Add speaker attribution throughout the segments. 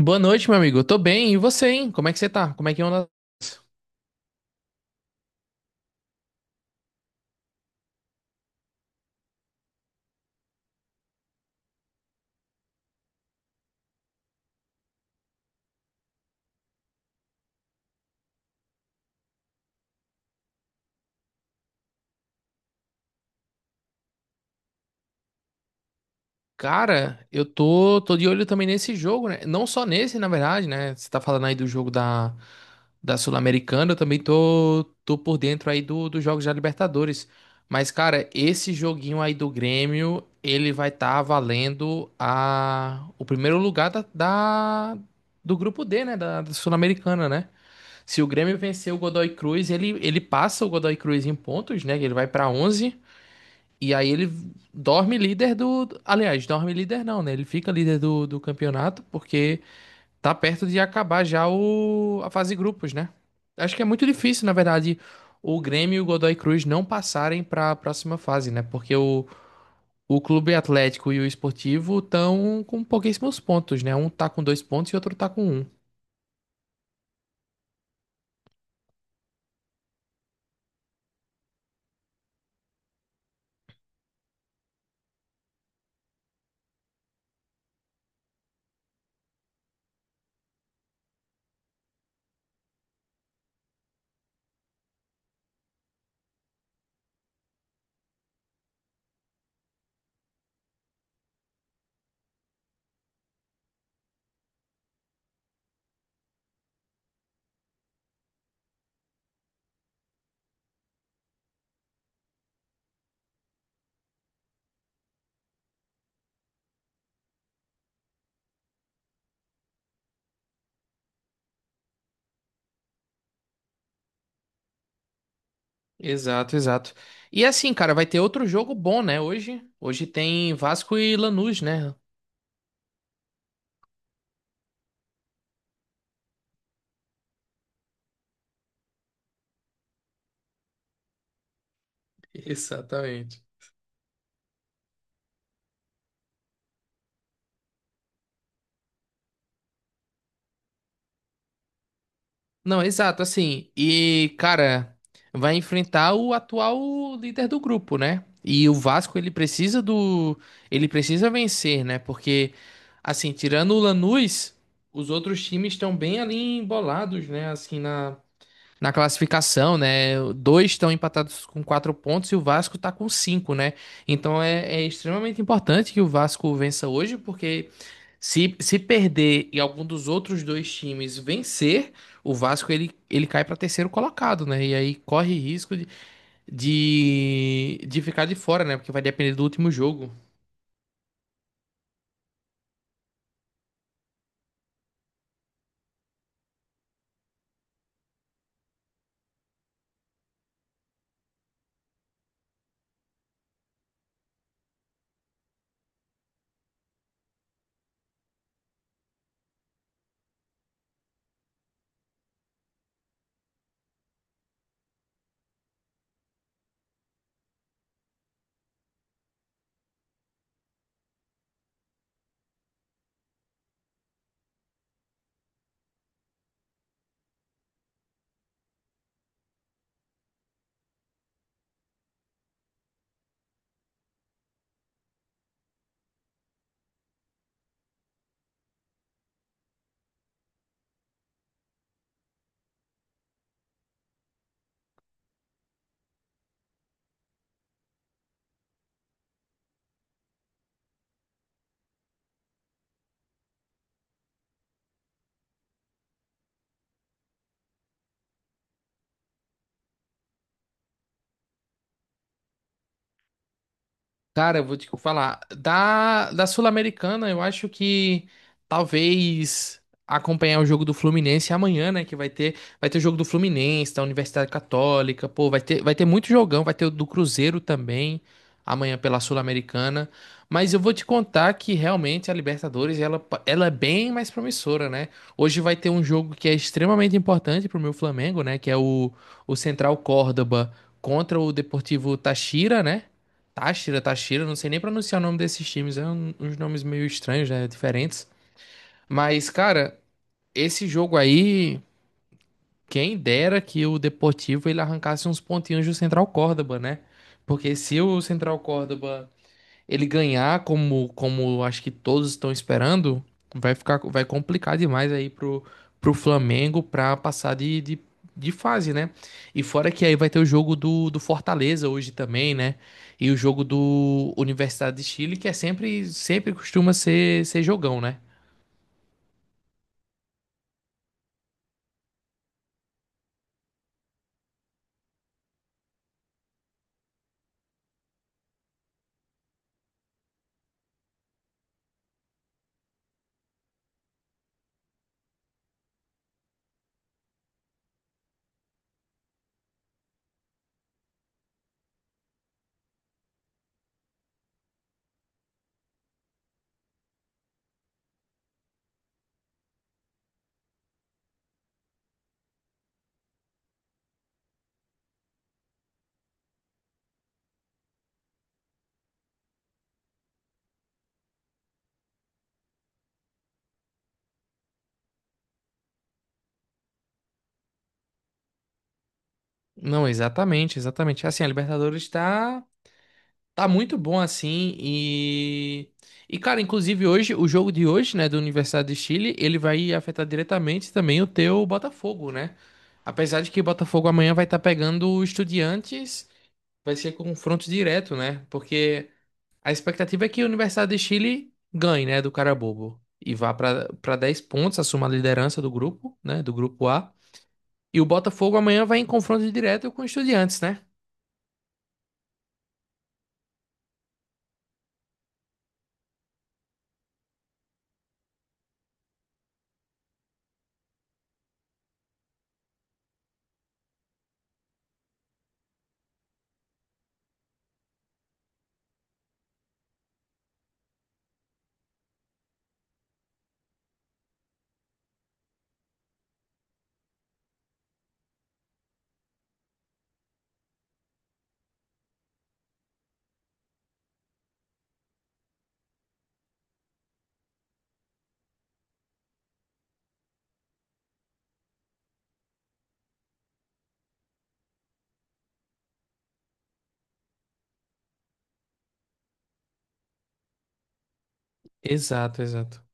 Speaker 1: Boa noite, meu amigo. Eu tô bem. E você, hein? Como é que você tá? Como é que anda? Cara, eu tô de olho também nesse jogo, né? Não só nesse, na verdade, né? Você tá falando aí do jogo da Sul-Americana, eu também tô por dentro aí dos jogos da Libertadores. Mas, cara, esse joguinho aí do Grêmio, ele vai estar valendo o primeiro lugar da do grupo D, né? Da Sul-Americana, né? Se o Grêmio vencer o Godoy Cruz, ele passa o Godoy Cruz em pontos, né? Ele vai para 11 e aí ele dorme líder do. Aliás, dorme líder não, né? Ele fica líder do campeonato porque tá perto de acabar já a fase grupos, né? Acho que é muito difícil, na verdade, o Grêmio e o Godoy Cruz não passarem para a próxima fase, né? Porque o Clube Atlético e o Esportivo estão com pouquíssimos pontos, né? Um tá com dois pontos e outro tá com um. Exato, exato. E assim, cara, vai ter outro jogo bom, né? Hoje tem Vasco e Lanús, né? Exatamente. Não, exato, assim. E, cara, vai enfrentar o atual líder do grupo, né? E o Vasco, ele precisa do. Ele precisa vencer, né? Porque, assim, tirando o Lanús, os outros times estão bem ali embolados, né? Assim, na classificação, né? Dois estão empatados com quatro pontos e o Vasco está com cinco, né? Então é extremamente importante que o Vasco vença hoje, porque se perder e algum dos outros dois times vencer, o Vasco ele cai para terceiro colocado, né? E aí corre risco de ficar de fora, né? Porque vai depender do último jogo. Cara, eu vou te falar. Da Sul-Americana, eu acho que talvez acompanhar o jogo do Fluminense amanhã, né? Que vai ter o jogo do Fluminense, da Universidade Católica, pô, vai ter muito jogão, vai ter o do Cruzeiro também, amanhã pela Sul-Americana. Mas eu vou te contar que realmente a Libertadores, ela é bem mais promissora, né? Hoje vai ter um jogo que é extremamente importante pro meu Flamengo, né? Que é o Central Córdoba contra o Deportivo Táchira, né? Táchira, Táchira, não sei nem pronunciar o nome desses times, é uns nomes meio estranhos, né, diferentes. Mas, cara, esse jogo aí, quem dera que o Deportivo ele arrancasse uns pontinhos do Central Córdoba, né? Porque se o Central Córdoba ele ganhar como acho que todos estão esperando, vai complicar demais aí pro Flamengo pra passar de fase, né? E fora que aí vai ter o jogo do Fortaleza hoje também, né? E o jogo do Universidade de Chile, que é sempre costuma ser jogão, né? Não, exatamente, exatamente. Assim, a Libertadores está Tá muito bom assim e cara, inclusive hoje o jogo de hoje, né, do Universidade de Chile, ele vai afetar diretamente também o teu Botafogo, né? Apesar de que o Botafogo amanhã vai estar pegando o Estudiantes, vai ser confronto direto, né? Porque a expectativa é que o Universidade de Chile ganhe, né, do Carabobo e vá para 10 pontos, assuma a liderança do grupo, né, do grupo A. E o Botafogo amanhã vai em confronto direto com o Estudiantes, né? Exato, exato.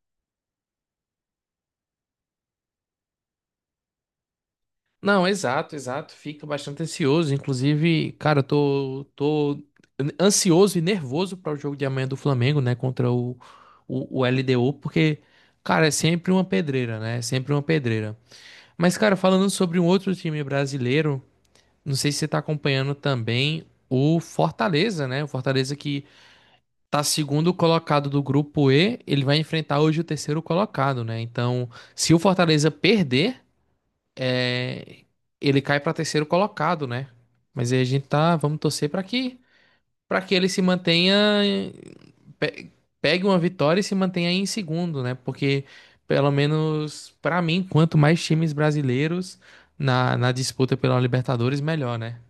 Speaker 1: Não, exato, exato. Fica bastante ansioso. Inclusive, cara, eu tô ansioso e nervoso para o jogo de amanhã do Flamengo, né? Contra o LDU, porque, cara, é sempre uma pedreira, né? É sempre uma pedreira. Mas, cara, falando sobre um outro time brasileiro, não sei se você tá acompanhando também o Fortaleza, né? O Fortaleza que tá segundo colocado do grupo E, ele vai enfrentar hoje o terceiro colocado, né? Então, se o Fortaleza perder é, ele cai para terceiro colocado, né? Mas aí a gente tá, vamos torcer para que ele se mantenha pe- pegue uma vitória e se mantenha em segundo, né? Porque pelo menos para mim, quanto mais times brasileiros na disputa pela Libertadores, melhor, né?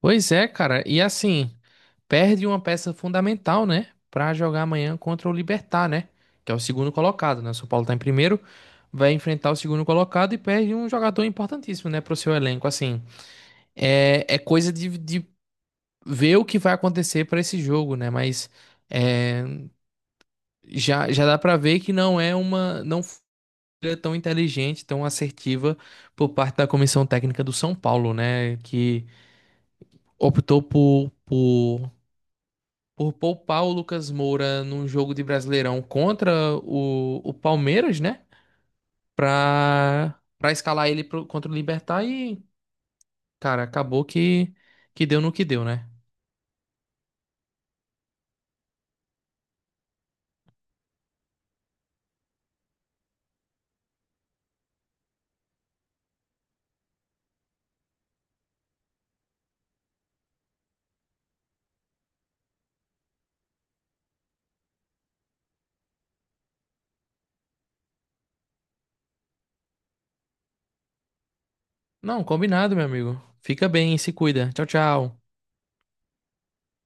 Speaker 1: Pois é, cara. E assim, perde uma peça fundamental, né? Pra jogar amanhã contra o Libertad, né? Que é o segundo colocado, né? O São Paulo tá em primeiro, vai enfrentar o segundo colocado e perde um jogador importantíssimo, né? Pro seu elenco. Assim, é, é coisa de ver o que vai acontecer pra esse jogo, né? Mas é, já dá pra ver que não é uma. Não foi tão inteligente, tão assertiva por parte da comissão técnica do São Paulo, né? Que optou por poupar o Lucas Moura num jogo de Brasileirão contra o Palmeiras, né? Pra escalar ele contra o Libertad e, cara, acabou que deu no que deu, né? Não, combinado, meu amigo. Fica bem, se cuida. Tchau, tchau.